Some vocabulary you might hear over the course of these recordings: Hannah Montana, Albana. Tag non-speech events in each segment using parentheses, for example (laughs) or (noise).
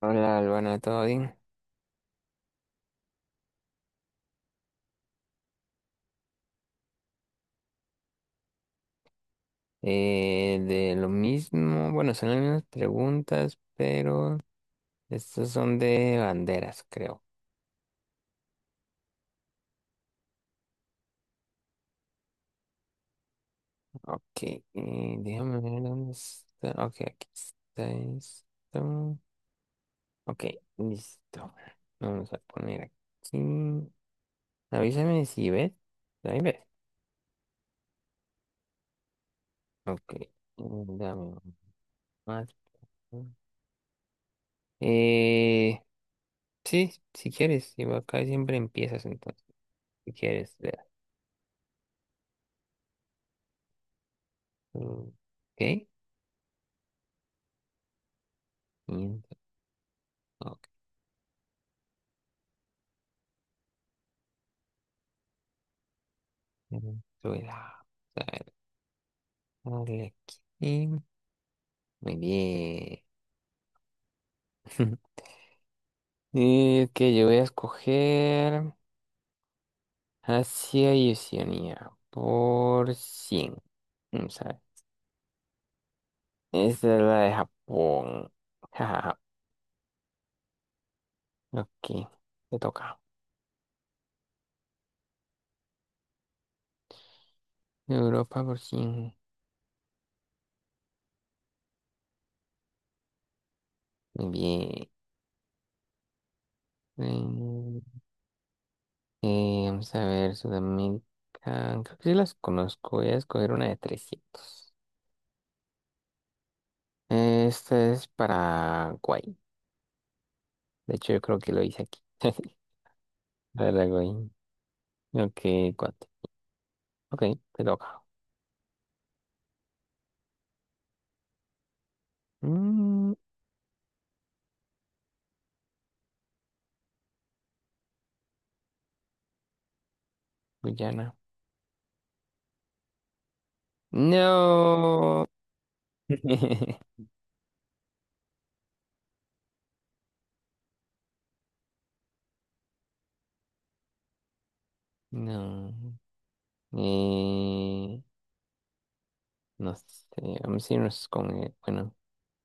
Hola, Albana, ¿todo bien? De lo mismo, bueno, son las mismas preguntas, pero estas son de banderas, creo. Ok, déjame ver dónde está. Ok, aquí está esto. Ok, listo. Vamos a poner aquí. Avísame si ves. Ahí ves. Ok, dame un más. Eh, sí, si quieres, igual acá siempre empiezas entonces. Si quieres, vea. Mm, ok. Quinta, ok. Suela. A ver, dale aquí. Muy bien. (laughs) Es que yo voy a escoger Asia y Oceanía por 100. Vamos a ver. Esta es la de Japón. (laughs) Jajaja. Ok, te toca. Europa por 100. Muy bien. Mm, vamos a ver, Sudamérica. Creo que sí las conozco. Voy a escoger una de 300. Este es Paraguay. De hecho, yo creo que lo hice aquí. (laughs) Paraguay. Ok, cuate. Ok, te toca. Mm, Guyana. No. (laughs) No. Eh, no sé. Vamos a irnos con, bueno,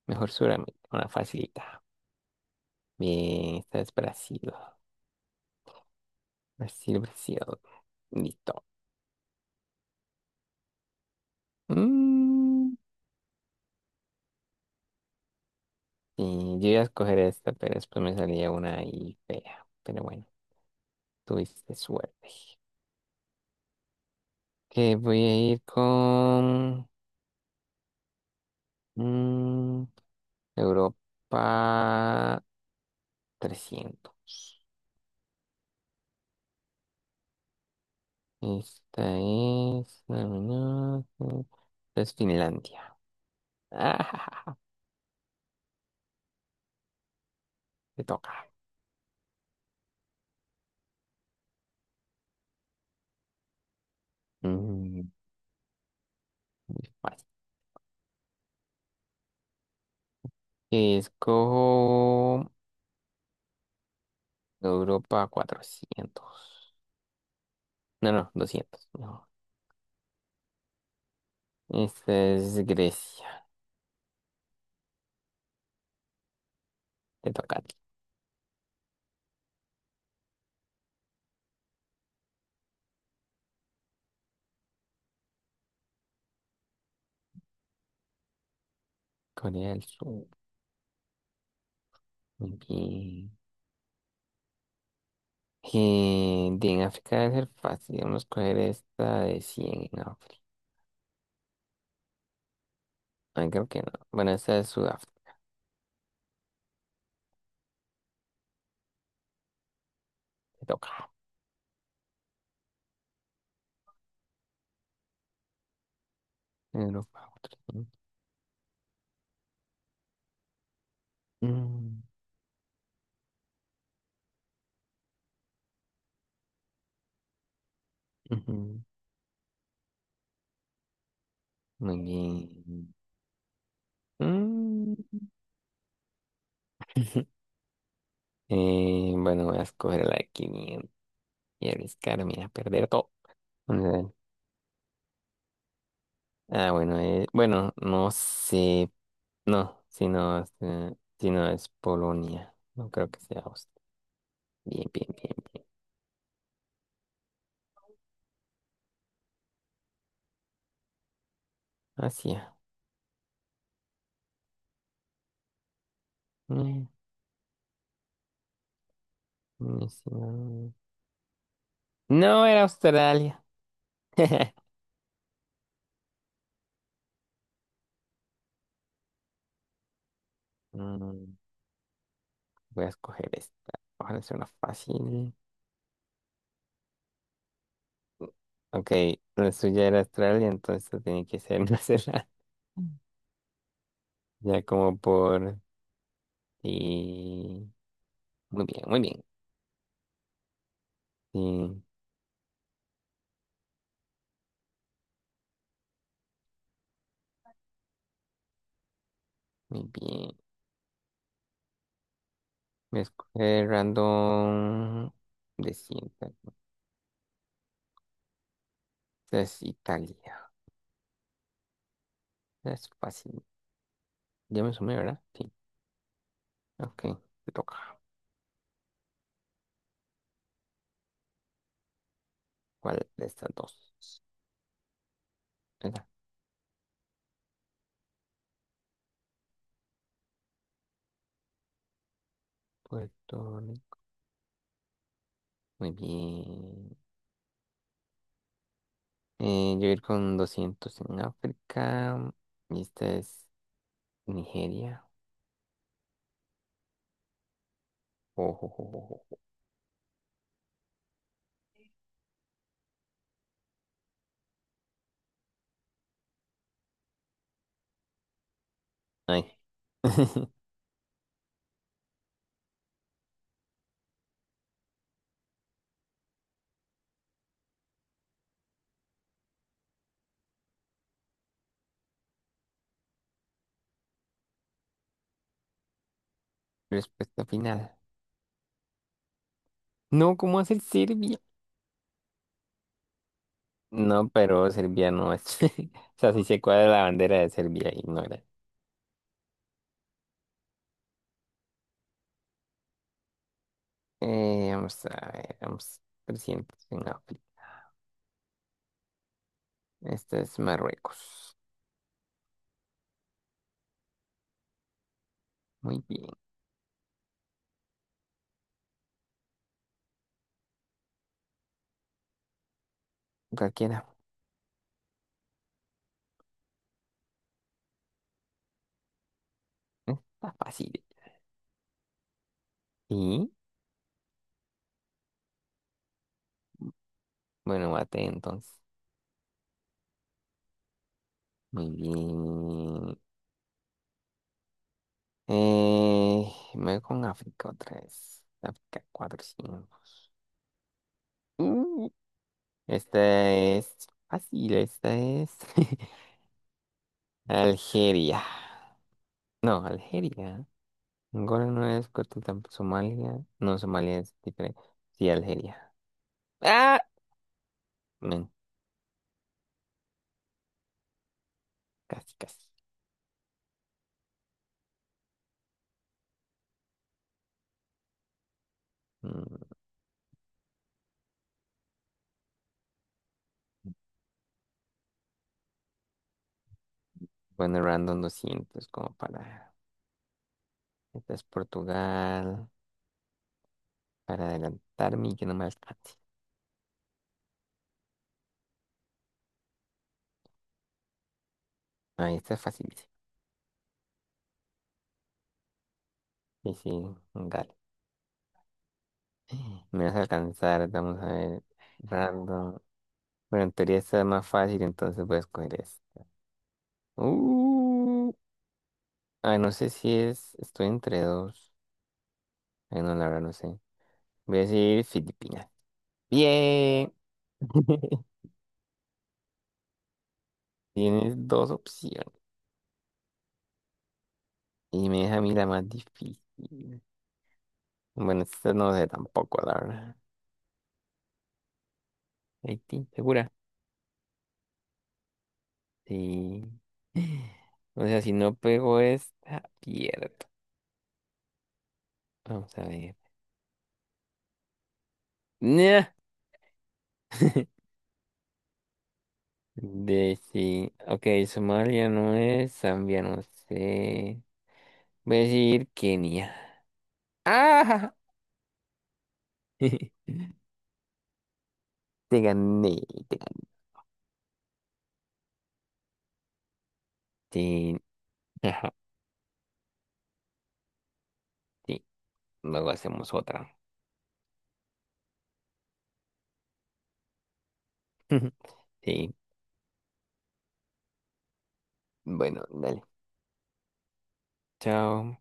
mejor Sudamérica. Una facilita. Bien, esta es Brasil. Brasil, Brasil. Listo. Mm, sí, yo iba a escoger esta, pero después me salía una ahí fea. Pero bueno. Tuviste suerte. Que voy a ir con mm, Europa 300. Esta es... no, no, no, esta es Finlandia. (laughs) Ah, te toca. Mm, vale. Escojo Europa 400. No, no, 200. No. Esta es Grecia. Te toca a ti. Corea del Sur. Muy bien. De en África debe ser fácil. Vamos a coger esta de 100 en África. Ah, creo que no. Bueno, esta es Sudáfrica. Te toca. Europa. Otro, ¿no? Mm, ujú. Muy bien. Mm. (laughs) Bueno, voy a escoger la de 500 y arriesgarme a perder todo. (laughs) Vamos a ver. Ah, bueno, bueno, no sé. No, si no, es, si no es Polonia. No creo que sea Austria. Bien, bien, bien. Asia. Mm, mm, sí, no. No era Australia. (laughs) Mm, voy a escoger esta. Ojalá sea una fácil. Ok, la suya era Australia, entonces tiene que ser (laughs) Nueva Zelanda. Mm. Ya como por ti. Muy bien, muy bien. Sí, muy bien. Voy a escoger random de cinta. Esta es Italia. Esta es fácil. Ya me sumé, ¿verdad? Sí. Ok, te toca. ¿Cuál de estas dos? Esa. Puerto Rico. Muy bien. Yo voy a ir con 200 en África. Y esta es Nigeria. Ojo, ojo, ojo, ojo. Ay. (laughs) Respuesta final. No, ¿cómo hacer Serbia? No, pero Serbia no es. (laughs) O sea, si se cuadra la bandera de Serbia, ignora. Vamos a ver, vamos. 300 en África. Esta es Marruecos. Muy bien. Cualquiera. Está fácil. Y bueno, bate entonces. Muy bien. Eh, Me voy con África otra vez. África 4-5. Uh, esta es fácil, esta es (laughs) Algeria. No, Algeria. Angola no es. Coto tampoco Somalia. No, Somalia es diferente. Sí, Algeria. Ah, men, casi, casi. Mm, bueno, random 200 como para... Esta es Portugal. Para adelantarme y que no me alcance. Ah, esta es facilísima. Sí, sí, me vas a alcanzar, vamos a ver. Random. Bueno, en teoría está más fácil, entonces voy a escoger este. Uh, ah, no sé si es. Estoy entre dos. Ay, no, la verdad no sé. Voy a decir Filipinas. Bien. (laughs) Tienes dos opciones. Y me deja a mí la más difícil. Bueno, esta no sé tampoco, la verdad. Haití, ¿segura? Sí. (laughs) O sea, si no pego esta, pierdo. Vamos a ver. Nah. (laughs) De sí. Ok, Somalia no es, Zambia no sé. Voy a decir Kenia. ¡Ah! (laughs) Te gané, te gané. (laughs) Sí, ajá, sí. Luego hacemos otra. (laughs) Sí. Bueno, dale. Chao.